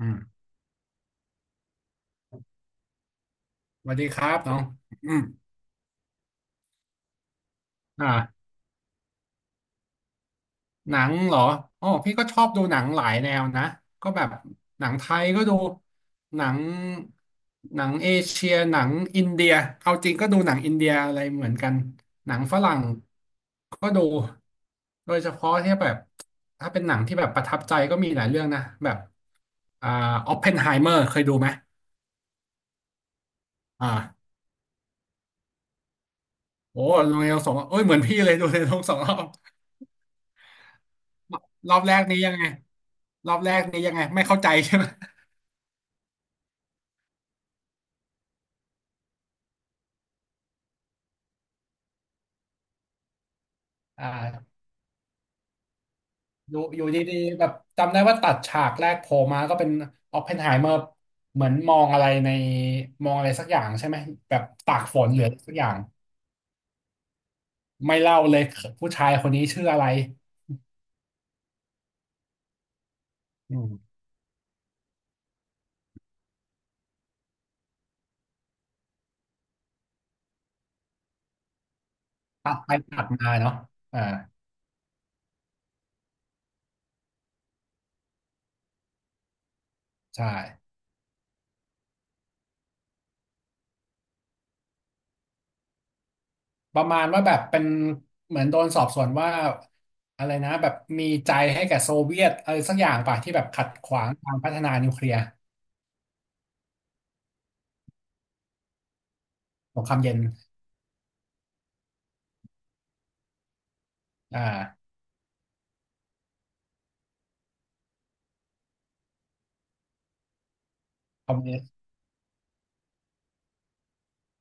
อืมสวัสดีครับน้องอืมอ่าหนังเหรออ๋อพี่ก็ชอบดูหนังหลายแนวนะก็แบบหนังไทยก็ดูหนังเอเชียหนังอินเดียเอาจริงก็ดูหนังอินเดียอะไรเหมือนกันหนังฝรั่งก็ดูโดยเฉพาะที่แบบถ้าเป็นหนังที่แบบประทับใจก็มีหลายเรื่องนะแบบอ่าออปเพนไฮเมอร์เคยดูไหมอ่าโอ้ดูในโรงสองรอบเอ้ยเหมือนพี่เลยดูในโรงสองรอบ รอบแรกนี้ยังไงรอบแรกนี้ยังไงไม่เข้าใจใช่ไหมอ่าอยู่ดีๆแบบจำได้ว่าตัดฉากแรกโผล่มาก็เป็นออปเพนไฮเมอร์เหมือนมองอะไรในมองอะไรสักอย่างใช่ไหมแบบตากฝนเหลือสักอย่างไม่เล่าเลยผู้ชายคนนี้ชื่ออะไรอืมตัดไปตัดมาเนาะอ่าใช่ประมาณว่าแบบเป็นเหมือนโดนสอบสวนว่าอะไรนะแบบมีใจให้แก่โซเวียตอะไรสักอย่างป่ะที่แบบขัดขวางการพัฒนานิวเคลียร์สงครามเย็น อ่าคอมมิวนิสต์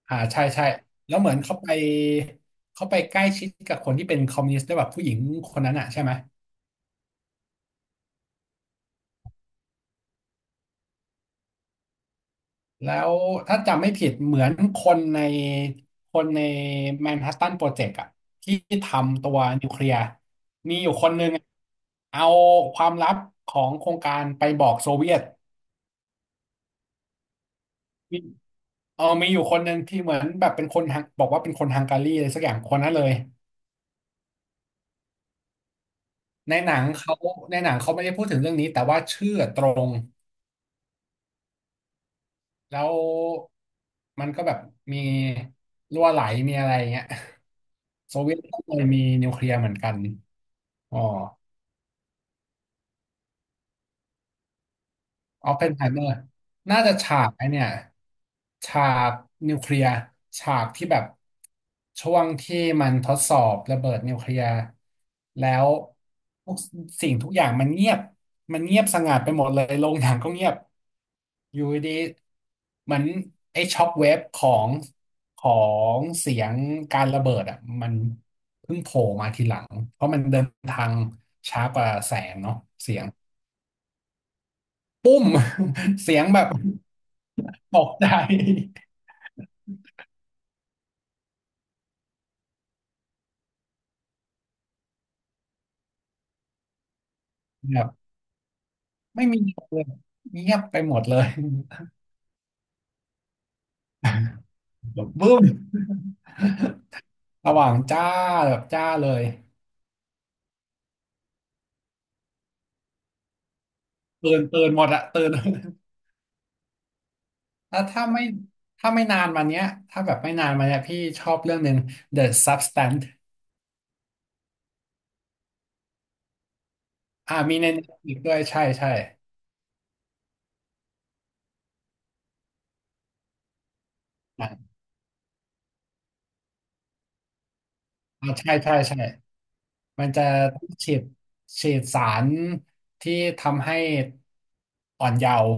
ใช่ใช่แล้วเหมือนเขาไปเขาไปใกล้ชิดกับคนที่เป็นคอมมิวนิสต์ด้วยแบบผู้หญิงคนนั้นอ่ะใช่ไหมแล้วถ้าจำไม่ผิดเหมือนคนในคนในแมนฮัตตันโปรเจกต์อ่ะที่ทำตัวนิวเคลียร์มีอยู่คนหนึ่งเอาความลับของโครงการไปบอกโซเวียตมีเออมีอยู่คนหนึ่งที่เหมือนแบบเป็นคนฮังบอกว่าเป็นคนฮังการีอะไรสักอย่างคนนั้นเลยในหนังเขาในหนังเขาไม่ได้พูดถึงเรื่องนี้แต่ว่าชื่อตรง แล้วมันก็แบบมีรั่วไหลมีอะไรอย่างเงี้ย โซเวียตก็เคยมีนิวเคลียร์เหมือนกันอ๋อ ออปเพนไฮเมอร์น่าจะฉากไอเนี่ยฉากนิวเคลียร์ฉากที่แบบช่วงที่มันทดสอบระเบิดนิวเคลียร์แล้วทุกสิ่งทุกอย่างมันเงียบมันเงียบสงัดไปหมดเลยโรงหนังก็เงียบอยู่ดีๆเหมือนไอ้ช็อคเวฟของขอเสียงการระเบิดอ่ะมันเพิ่งโผล่มาทีหลังเพราะมันเดินทางช้ากว่าแสงเนาะเสียงปุ้ม เสียงแบบ ตกใจแบบไม่มีเลยเงียบไปหมดเลย แบบบึ้มระหว่างจ้าแบบจ้าเลยตื่นหมดอะตื่น แล้วถ้าไม่ถ้าไม่นานมาเนี้ยถ้าแบบไม่นานมาเนี้ยพี่ชอบเรื่องหนึ่ง The Substance มีใน Netflix ด้วยใช่ใช่อ่าใช่ใช่ใช่มันจะฉีดสารที่ทำให้อ่อนเยาว์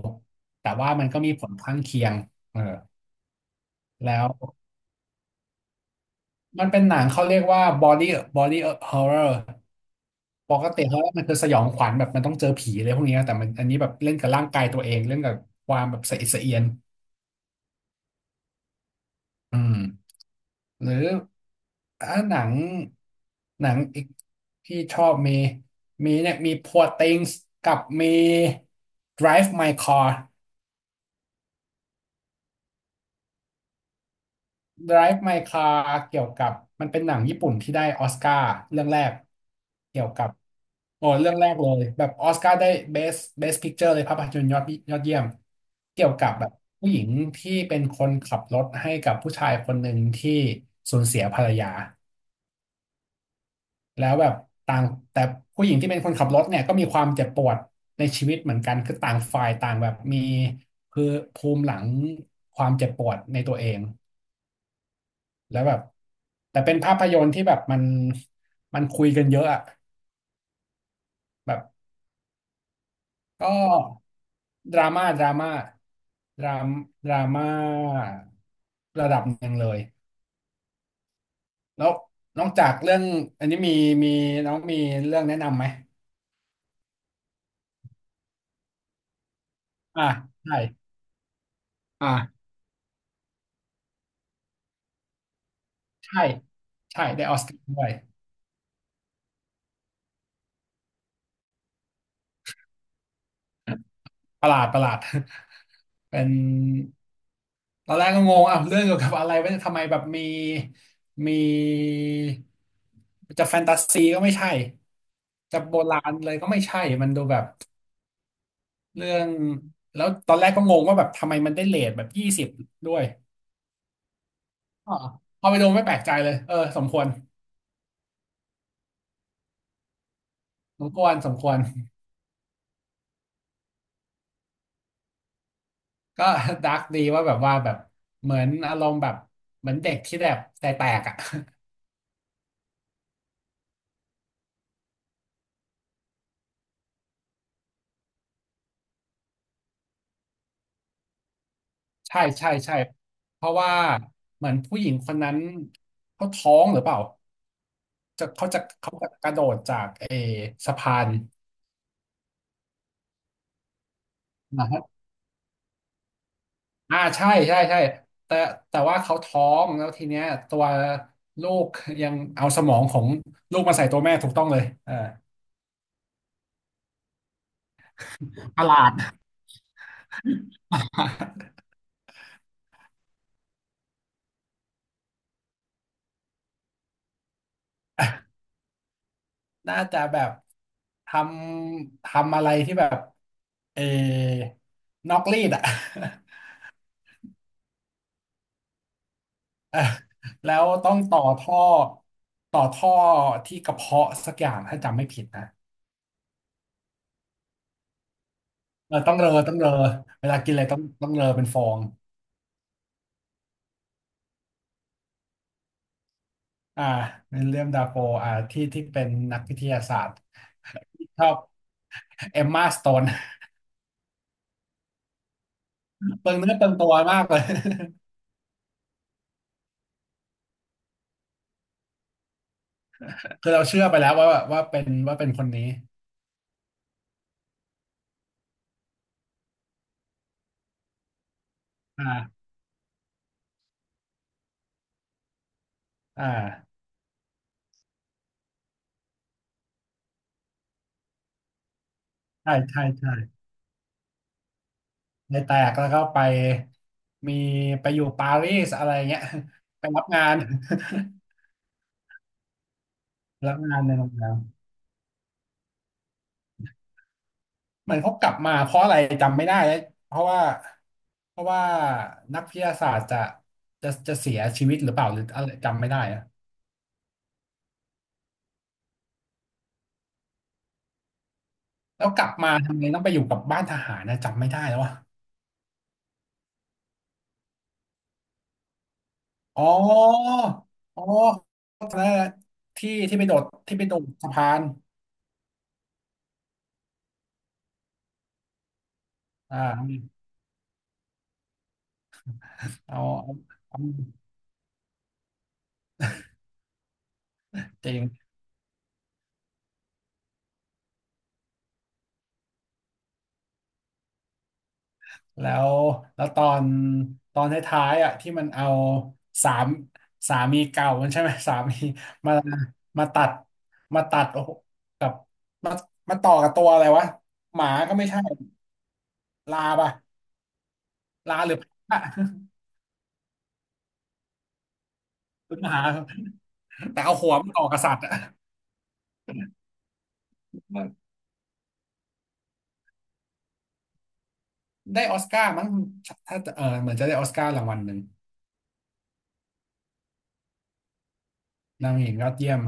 แต่ว่ามันก็มีผลข้างเคียงเออแล้ว มันเป็นหนังเขาเรียกว่า body body horror ปกติเขามันคือสยองขวัญแบบมันต้องเจอผีอะไรพวกเนี้ยแต่มันอันนี้แบบเล่นกับร่างกายตัวเอง เล่นกับความแบบสะอิดสะเอียนอืมหรือหนังอีกที่ชอบมีมีเนี่ยมี Poor Things กับมี Drive My Car Drive My Car เกี่ยวกับมันเป็นหนังญี่ปุ่นที่ได้ออสการ์เรื่องแรกเกี่ยวกับโอ้เรื่องแรกเลยแบบออสการ์ได้ Best Picture เลยภาพยนตร์ยอดเยี่ยมเกี่ยวกับแบบผู้หญิงที่เป็นคนขับรถให้กับผู้ชายคนหนึ่งที่สูญเสียภรรยาแล้วแบบต่างแต่ผู้หญิงที่เป็นคนขับรถเนี่ยก็มีความเจ็บปวดในชีวิตเหมือนกันคือต่างฝ่ายต่างแบบมีคือภูมิหลังความเจ็บปวดในตัวเอง แล้วแบบแต่เป็นภาพยนตร์ที่แบบมันคุยกันเยอะอะแบบก็ดราม่าดราม่าดรามดราม่าระดับหนึ่งเลยแล้วนอกจากเรื่องอันนี้มีมีน้องมีเรื่องแนะนำไหมอ่าใช่อ่าใช่ใช่ได้ออสการ์ด้วยประหลาดประหลาด เป็น ตอนแรกก็งงอ่ะเรื่องเกี่ยวกับอะไรวะเนี่ยทำไมแบบมีมีจะแฟนตาซีก็ไม่ใช่จะโบราณเลยก็ไม่ใช่มันดูแบบเรื่องแล้วตอนแรกก็งงว่าแบบทำไมมันได้เรทแบบยี่สิบด้วยอ๋อพอไปดูไม่แปลกใจเลยเออสมควรสมควรสมควรก็ ดาร์กดีว่าแบบว่าแบบเหมือนอารมณ์แบบเหมือนเด็กที่แบบแตกแตกอ่ะ ใช่ใช่ใช่เพราะว่าเหมือนผู้หญิงคนนั้นเขาท้องหรือเปล่า จะเขาจะเขาจะกระโดดจากเออสะพานนะฮะใช่ใช่ใช่แต่ว่าเขาท้องแล้วทีเนี้ยตัวลูกยังเอาสมองของลูกมาใส่ตัวแม่ถูกต้องเลยเออประหลาด น่าจะแบบทำอะไรที่แบบเออนอกรีดอะ แล้วต้องต่อท่อต่อท่อที่กระเพาะสักอย่างถ้าจำไม่ผิดนะเออต้องเรอต้องเรอเวลากินอะไรต้องเรอเป็นฟอง อ่าวิลเลียมดาโฟที่เป็นนักวิทยาศาสตร์ ชอบเอมมาสโตน เปลืองเนื้อเปลืองตัวมากเลย คือเราเชื่อไปแล้วว่าว่าเป็นว่าเป็นคนนี้อ่าอ่าใช่ใช่ใช่ในแตกแล้วก็ไปมีไปอยู่ปารีสอะไรเงี้ย ไปรับงาน รับงานในโรงแรมเหมือนเขากลับมาเพราะอะไรจำไม่ได้แล้วเพราะว่าเพราะว่านักวิทยาศาสตร์จะจะเสียชีวิตหรือเปล่าหรืออะไรจำไม่ได้อะ แล้วกลับมาทำไมต้องไปอยู่กับบ้านทหารนะจำไม่ได้แล้วว่ะอ๋ออ๋อเอ้า้วที่ที่ไปโดดที่ไปโดดสะพาน อ่าเอาเอาเอาจริงแล้วแล้วตอนตอนท้ายๆอ่ะที่มันเอาสามสามีเก่ามันใช่ไหม สามีมาตัดมาตัดโอ้โหกับมาต่อกับตัวอะไรวะหมาก็ไม่ใช่ลาป่ะลาหรือพระ หรือหมาแต่เอาหัวมันต่อกับสัตว์อ่ะ ได้ออสการ์มั้งถ้าเออเหมือนจะได้ออสการ์รางวัลหนึ่งนางเอกยอดเยี่ยม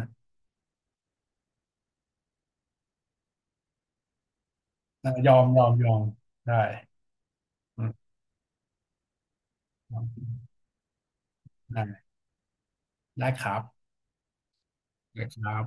ยอมยอมยอมได้อืมได้ได้ครับได้ครับ